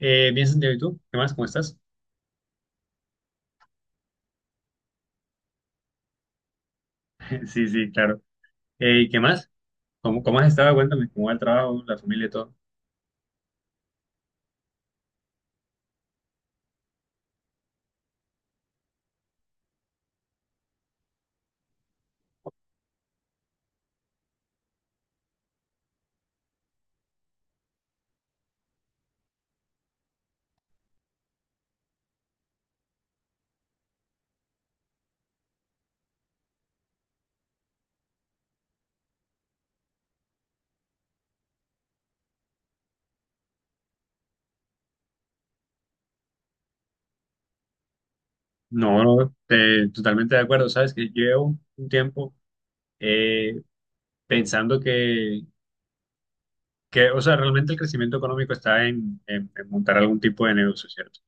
Bien, Santiago, ¿y tú? ¿Qué más? ¿Cómo estás? Sí, sí, claro. ¿Y qué más? ¿Cómo has estado? Cuéntame, ¿cómo va el trabajo, la familia y todo? No, no, totalmente de acuerdo. Sabes que llevo un tiempo eh, pensando que, o sea, realmente el crecimiento económico está en montar algún tipo de negocio, ¿cierto?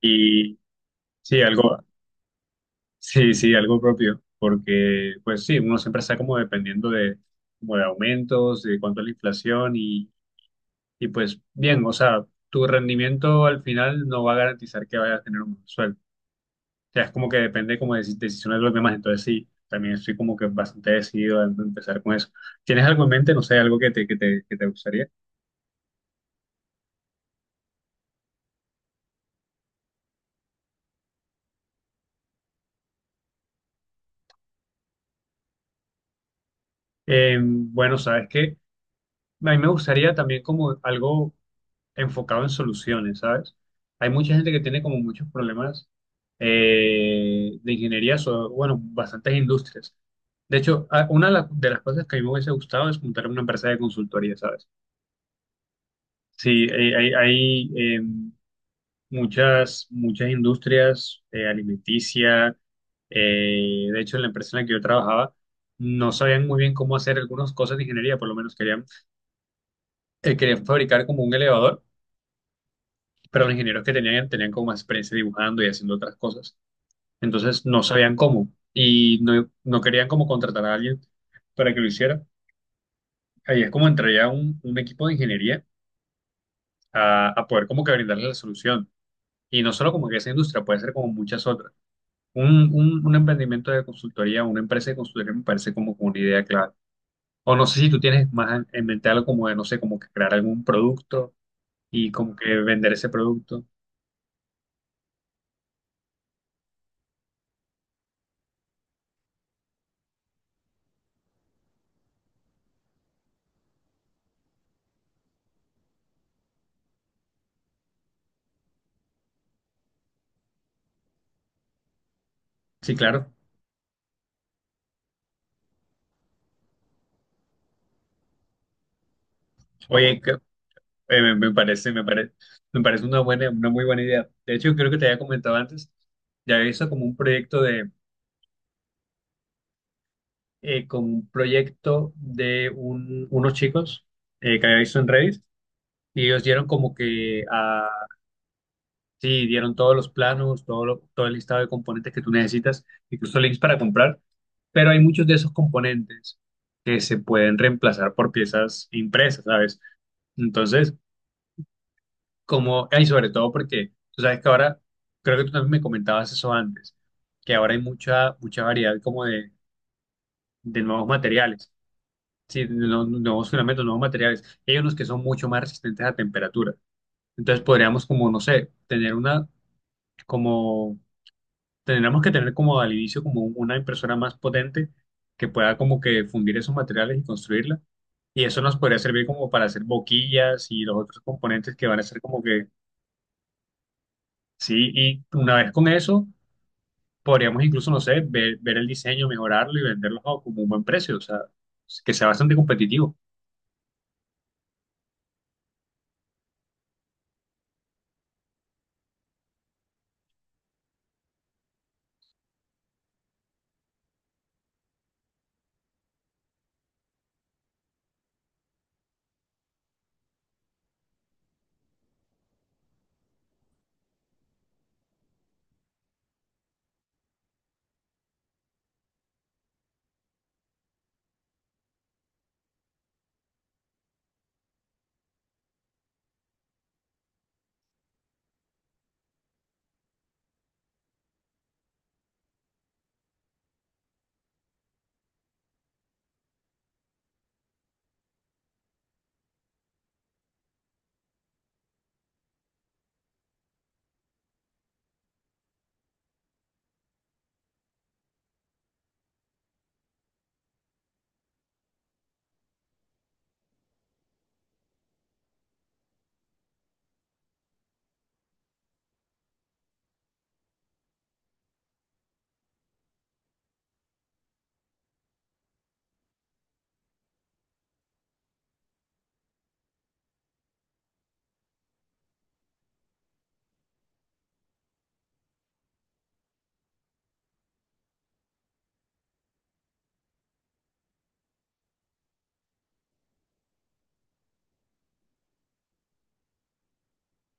Y sí, algo, sí, sí, algo propio, porque, pues sí, uno siempre está como dependiendo de, como de aumentos, de cuánto es la inflación. Y pues bien, o sea, tu rendimiento al final no va a garantizar que vayas a tener un buen sueldo. O sea, es como que depende como de decisiones de los demás. Entonces sí, también estoy como que bastante decidido a empezar con eso. ¿Tienes algo en mente? No sé, algo que te gustaría. Bueno, sabes que a mí me gustaría también como algo enfocado en soluciones, ¿sabes? Hay mucha gente que tiene como muchos problemas de ingeniería, bueno, bastantes industrias. De hecho, una de de las cosas que a mí me hubiese gustado es montar una empresa de consultoría, ¿sabes? Sí, hay, muchas industrias alimenticia. De hecho, en la empresa en la que yo trabajaba, no sabían muy bien cómo hacer algunas cosas de ingeniería, por lo menos querían, querían fabricar como un elevador, pero los ingenieros que tenían como más experiencia dibujando y haciendo otras cosas. Entonces no sabían cómo y no, no querían como contratar a alguien para que lo hiciera. Ahí es como entraría un equipo de ingeniería a poder como que brindarle la solución. Y no solo como que esa industria, puede ser como muchas otras. Un emprendimiento de consultoría, una empresa de consultoría me parece como una idea clave. O no sé si tú tienes más en mente algo como de, no sé, como que crear algún producto y como que vender ese producto. Sí, claro. Oye, Eh, me, me parece, me parece, me parece una muy buena idea. De hecho, creo que te había comentado antes, ya había visto como un proyecto de, como un proyecto de unos chicos que había visto en Reddit y ellos dieron como que, ah, sí, dieron todos los planos, todo el listado de componentes que tú necesitas, incluso links para comprar, pero hay muchos de esos componentes que se pueden reemplazar por piezas impresas, ¿sabes? Entonces, como, y sobre todo porque tú sabes que ahora, creo que tú también me comentabas eso antes, que ahora hay mucha variedad como de nuevos materiales, sí, de nuevos filamentos, nuevos materiales. Hay unos que son mucho más resistentes a temperatura. Entonces podríamos como, no sé, tener una, como, tendríamos que tener como al inicio como una impresora más potente que pueda como que fundir esos materiales y construirla. Y eso nos podría servir como para hacer boquillas y los otros componentes que van a ser como que, sí, y una vez con eso podríamos incluso, no sé, ver el diseño, mejorarlo y venderlo a como un buen precio, o sea, que sea bastante competitivo.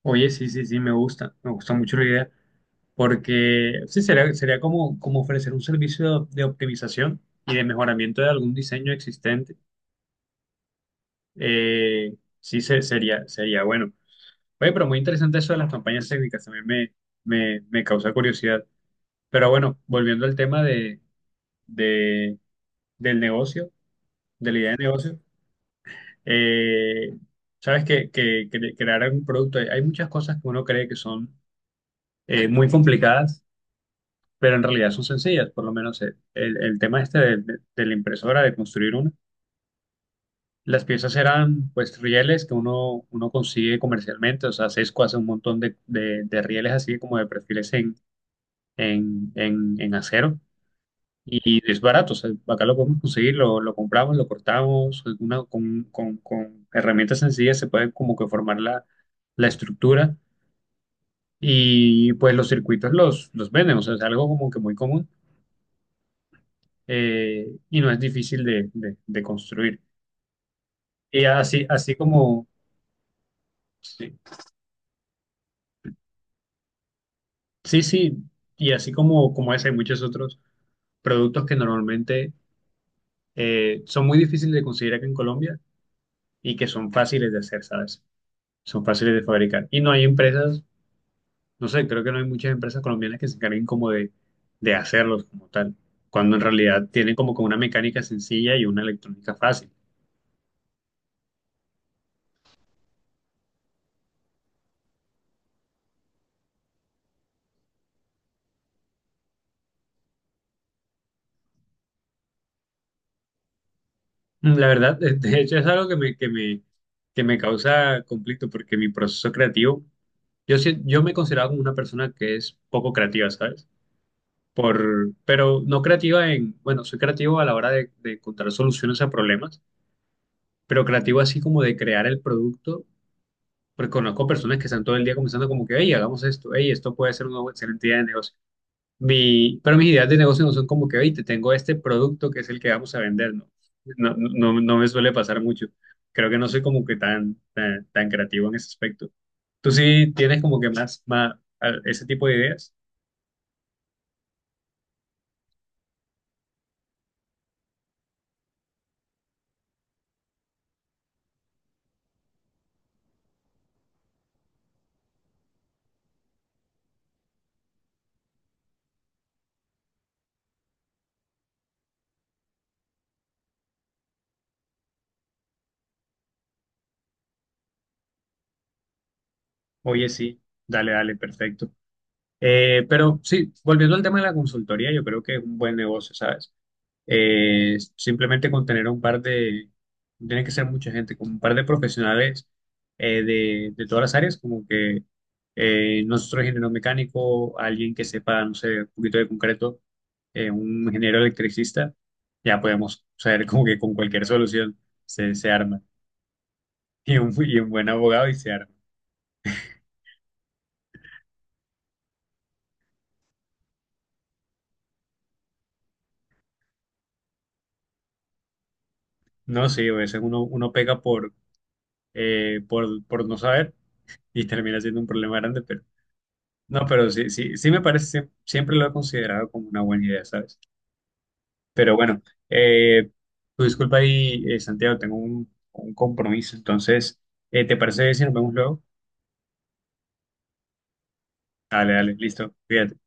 Oye, sí, sí, sí, me gusta mucho la idea, porque sí, sería como, ofrecer un servicio de optimización y de mejoramiento de algún diseño existente. Sí, sería bueno. Oye, pero muy interesante eso de las campañas técnicas, también me causa curiosidad. Pero bueno, volviendo al tema de, del negocio, de la idea de negocio, eh, sabes que crear algún producto, hay muchas cosas que uno cree que son muy complicadas, pero en realidad son sencillas, por lo menos el tema este de la impresora, de construir una. Las piezas eran pues rieles que uno consigue comercialmente, o sea, Sesco hace un montón de rieles así como de perfiles en acero. Y es barato, o sea, acá lo podemos conseguir, lo compramos, lo cortamos, con herramientas sencillas se puede como que formar la estructura y pues los circuitos los venden, o sea, es algo como que muy común y no es difícil de construir. Y así, así como, sí, sí, sí, y así como, ese, hay muchos otros productos que normalmente son muy difíciles de conseguir acá en Colombia y que son fáciles de hacer, ¿sabes? Son fáciles de fabricar. Y no hay empresas. No sé, creo que no hay muchas empresas colombianas que se encarguen como de, hacerlos como tal, cuando en realidad tienen como una mecánica sencilla y una electrónica fácil. La verdad, de hecho es algo que me causa conflicto porque mi proceso creativo, yo, yo me considero como una persona que es poco creativa, ¿sabes? Pero no creativa en, bueno, soy creativo a la hora de encontrar soluciones a problemas, pero creativo así como de crear el producto. Porque conozco personas que están todo el día comenzando como que, hey, hagamos esto, hey, esto puede ser una excelente idea de negocio. Pero mis ideas de negocio no son como que, hey, te tengo este producto que es el que vamos a vender, ¿no? No, no, no, no me suele pasar mucho. Creo que no soy como que tan creativo en ese aspecto. ¿Tú sí tienes como que más ese tipo de ideas? Oye, sí, dale, dale, perfecto. Pero sí, volviendo al tema de la consultoría, yo creo que es un buen negocio, ¿sabes? Simplemente con tener un par de, no tiene que ser mucha gente, con un par de profesionales de, todas las áreas, como que nosotros ingeniero mecánico, alguien que sepa, no sé, un poquito de concreto, un ingeniero electricista, ya podemos saber como que con cualquier solución se arma. Y un buen abogado y se arma. No, sí, a veces uno pega por no saber y termina siendo un problema grande, pero. No, pero sí, sí, sí me parece, sí, siempre lo he considerado como una buena idea, ¿sabes? Pero bueno, eh, tu disculpa ahí, Santiago, tengo un compromiso, entonces, ¿te parece si nos vemos luego? Dale, dale, listo, cuídate.